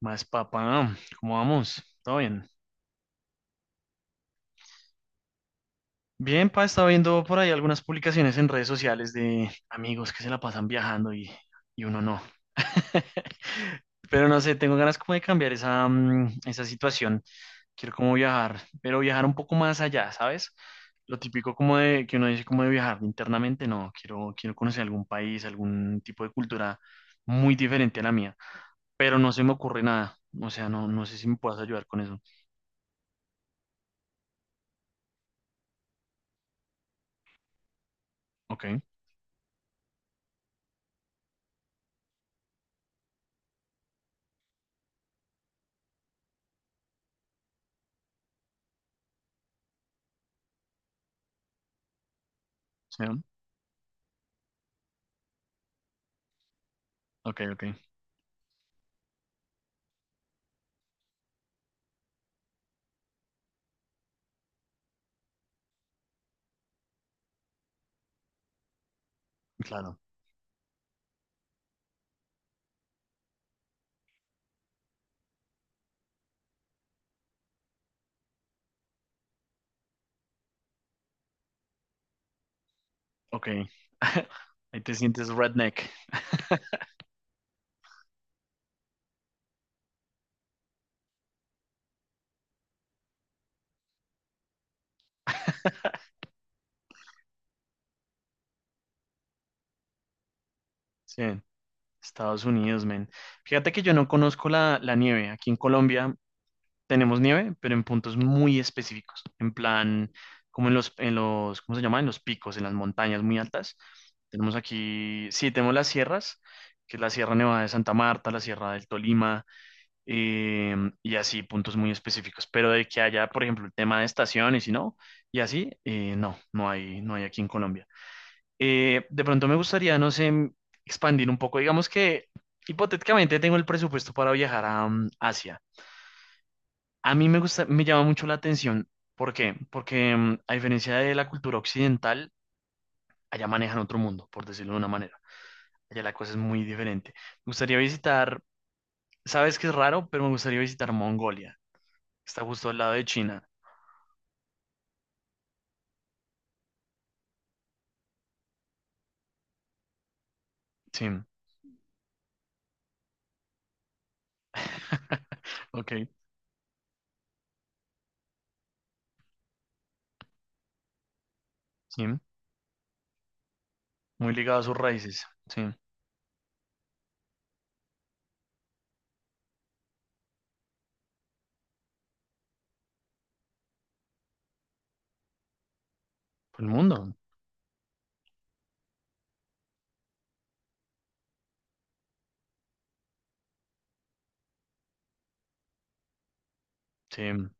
Más papá, ¿cómo vamos? ¿Todo bien? Bien, pa, estaba viendo por ahí algunas publicaciones en redes sociales de amigos que se la pasan viajando y uno no. Pero no sé, tengo ganas como de cambiar esa situación. Quiero como viajar, pero viajar un poco más allá, ¿sabes? Lo típico como de que uno dice como de viajar internamente, no, quiero conocer algún país, algún tipo de cultura muy diferente a la mía, pero no se me ocurre nada. O sea, no, no sé si me puedas ayudar con eso. Ok, sí. Ok, ok, claro, ok. Ahí te sientes redneck. Sí, Estados Unidos, men. Fíjate que yo no conozco la nieve. Aquí en Colombia tenemos nieve, pero en puntos muy específicos. En plan, como en los, ¿cómo se llama? En los picos, en las montañas muy altas. Tenemos aquí, sí, tenemos las sierras, que es la Sierra Nevada de Santa Marta, la Sierra del Tolima, eh, y así puntos muy específicos. Pero de que haya, por ejemplo, el tema de estaciones y si no, y así, no, no hay aquí en Colombia. De pronto me gustaría, no sé, expandir un poco. Digamos que hipotéticamente tengo el presupuesto para viajar a Asia. A mí me gusta, me llama mucho la atención. ¿Por qué? Porque a diferencia de la cultura occidental, allá manejan otro mundo, por decirlo de una manera. Allá la cosa es muy diferente. Me gustaría visitar, sabes que es raro, pero me gustaría visitar Mongolia. Está justo al lado de China. Sí. Ok, sí. Muy ligado a sus raíces. Sí. El mundo. Sí.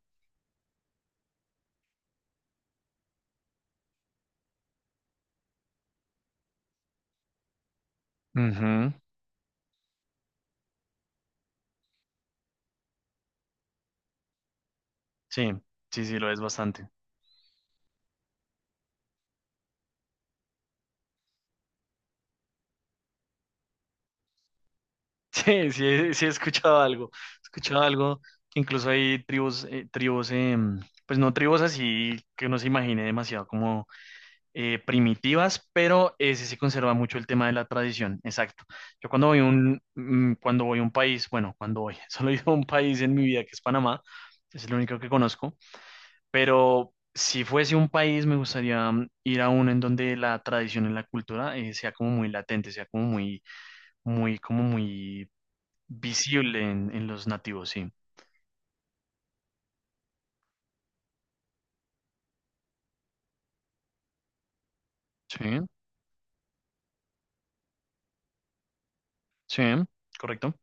Ujú, sí, sí, sí, lo es bastante. Sí, sí, sí he escuchado algo. He escuchado algo que incluso hay tribus, pues no tribus así que uno se imagine demasiado como primitivas, pero sí se conserva mucho el tema de la tradición. Exacto. Yo cuando voy a un país, bueno, cuando voy, solo he ido a un país en mi vida que es Panamá, es el único que conozco. Pero si fuese un país, me gustaría ir a uno en donde la tradición y la cultura sea como muy latente, sea como muy, muy, como muy visible en los nativos, sí. Sí, sí, correcto.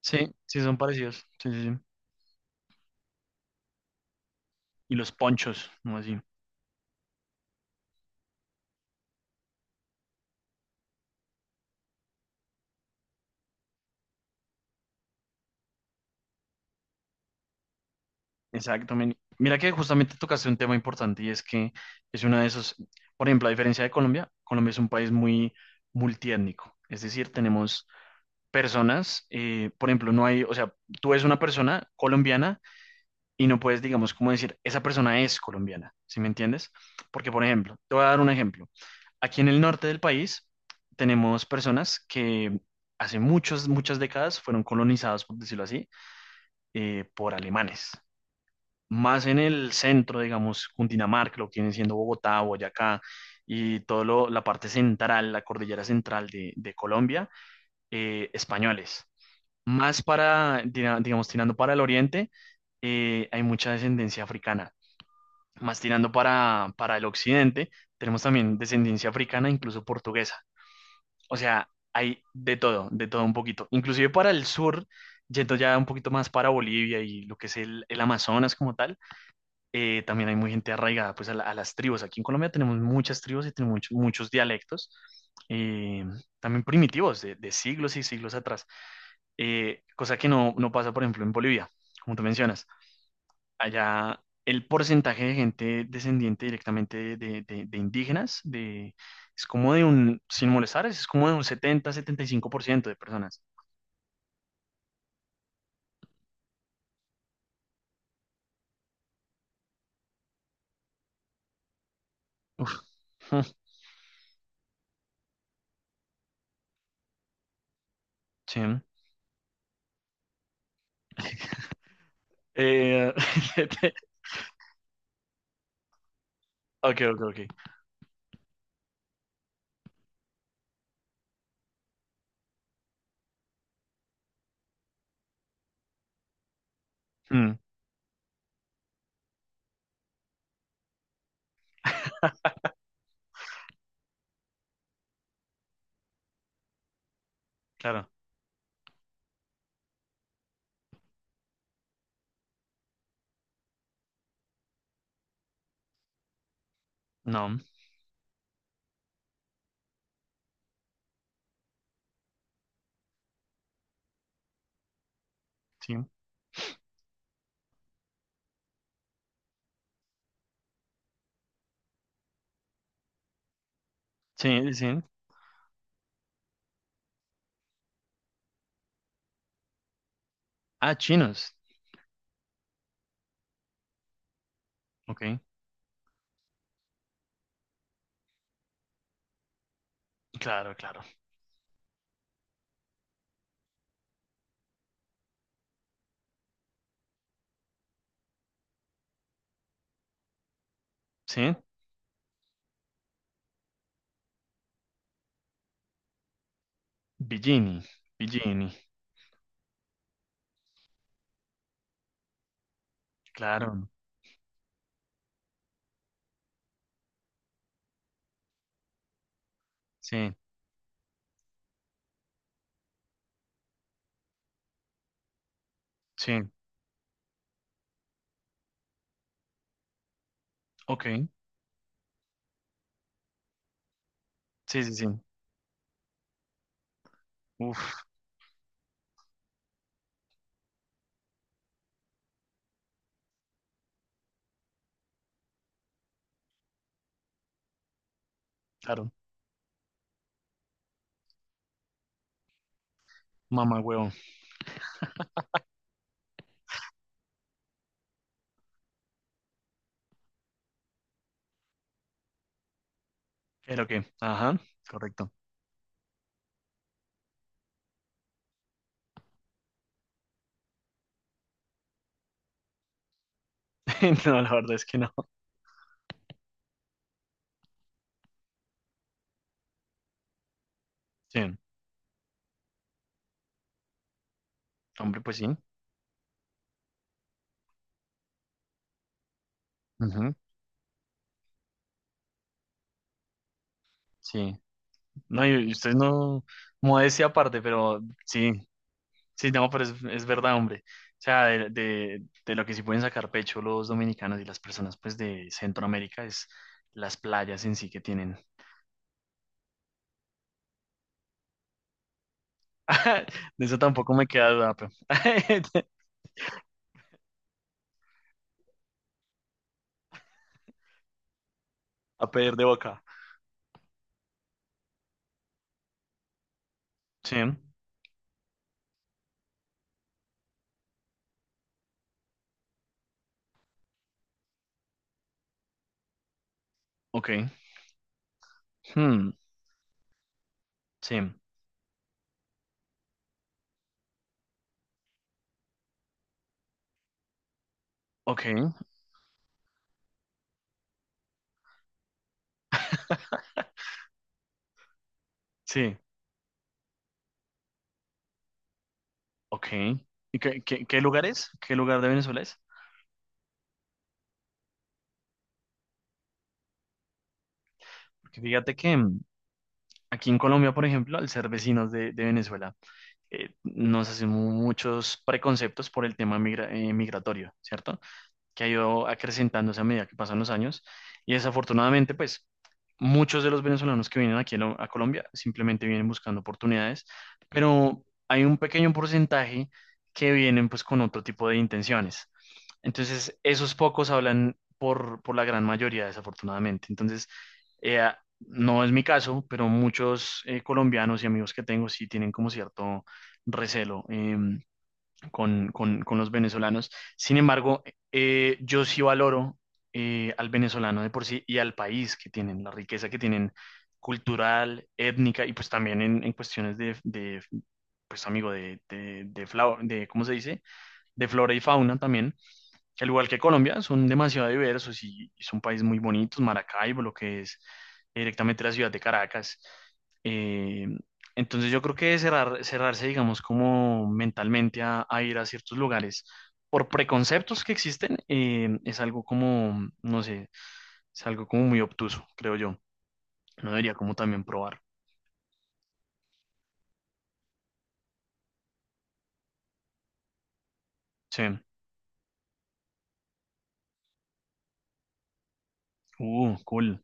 Sí, sí, son parecidos. Sí, sí, sí. Y los ponchos, no así. Exacto. Men. Mira que justamente tocaste un tema importante y es que es uno de esos, por ejemplo, a diferencia de Colombia, Colombia es un país muy multiétnico. Es decir, tenemos personas, por ejemplo, no hay, o sea, tú ves una persona colombiana y no puedes, digamos, como decir, esa persona es colombiana, ¿sí me entiendes? Porque, por ejemplo, te voy a dar un ejemplo. Aquí en el norte del país tenemos personas que hace muchas, muchas décadas fueron colonizadas, por decirlo así, por alemanes. Más en el centro, digamos, Cundinamarca, lo que viene siendo Bogotá, Boyacá y toda la parte central, la cordillera central de Colombia, españoles. Más para, digamos, tirando para el oriente, hay mucha descendencia africana. Más tirando para el occidente, tenemos también descendencia africana, incluso portuguesa. O sea, hay de todo un poquito. Inclusive para el sur, yendo ya un poquito más para Bolivia y lo que es el Amazonas como tal, también hay muy gente arraigada pues a las tribus. Aquí en Colombia tenemos muchas tribus y tenemos muchos, muchos dialectos, eh, también primitivos, de siglos y siglos atrás, cosa que no, no pasa, por ejemplo, en Bolivia, como tú mencionas. Allá el porcentaje de gente descendiente directamente de indígenas es como de un, sin molestar, es como de un 70-75% de personas. Uf, mm, sí. Eh, ok, ok, ok. Mm, claro, no, sí, sí, sí. Ah, chinos, ok, claro, claro, sí. Billini, Billini, claro, sí, sí, ok, sí, sí, sí. Uf. Claro, mamá huevo. ¿Pero qué? Ajá, correcto. No, la verdad es que no. Sí, hombre, pues sí. Ujú, sí. No, y ustedes no, modestia aparte, pero sí, sí, no, pero es verdad, hombre. O sea, de lo que sí pueden sacar pecho los dominicanos y las personas, pues, de Centroamérica es las playas en sí que tienen. De eso tampoco me queda duda, A pedir de boca. Sí, ok. Hmm, sí, ok, sí. Ok. ¿Y qué lugar es? ¿Qué lugar de Venezuela es? Porque fíjate que aquí en Colombia, por ejemplo, al ser vecinos de Venezuela, nos hacemos muchos preconceptos por el tema migratorio, ¿cierto? Que ha ido acrecentándose a medida que pasan los años. Y desafortunadamente, pues muchos de los venezolanos que vienen aquí a Colombia simplemente vienen buscando oportunidades, pero hay un pequeño porcentaje que vienen pues con otro tipo de intenciones. Entonces, esos pocos hablan por la gran mayoría, desafortunadamente. Entonces, no es mi caso, pero muchos colombianos y amigos que tengo sí tienen como cierto recelo, con, con los venezolanos. Sin embargo, yo sí valoro al venezolano de por sí y al país que tienen, la riqueza que tienen cultural, étnica y pues también en cuestiones pues amigo, ¿cómo se dice? De flora y fauna también al igual que Colombia, son demasiado diversos y son países muy bonitos, Maracaibo, lo que es directamente la ciudad de Caracas. Eh, entonces yo creo que cerrarse, digamos, como mentalmente a ir a ciertos lugares por preconceptos que existen, es algo como, no sé, es algo como muy obtuso, creo yo. No debería como también probar. Sí. Cool.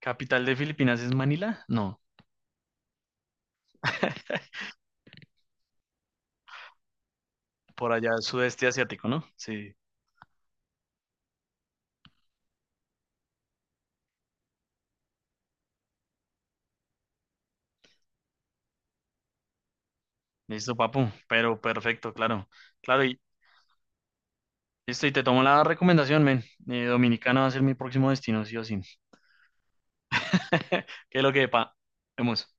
¿Capital de Filipinas es Manila? No, por allá sudeste asiático, ¿no? Sí. Listo, papu, pero perfecto, claro. Claro, y listo, y te tomo la recomendación, men. Dominicana va a ser mi próximo destino, sí o sí. ¿Qué es lo que, pa? Vemos.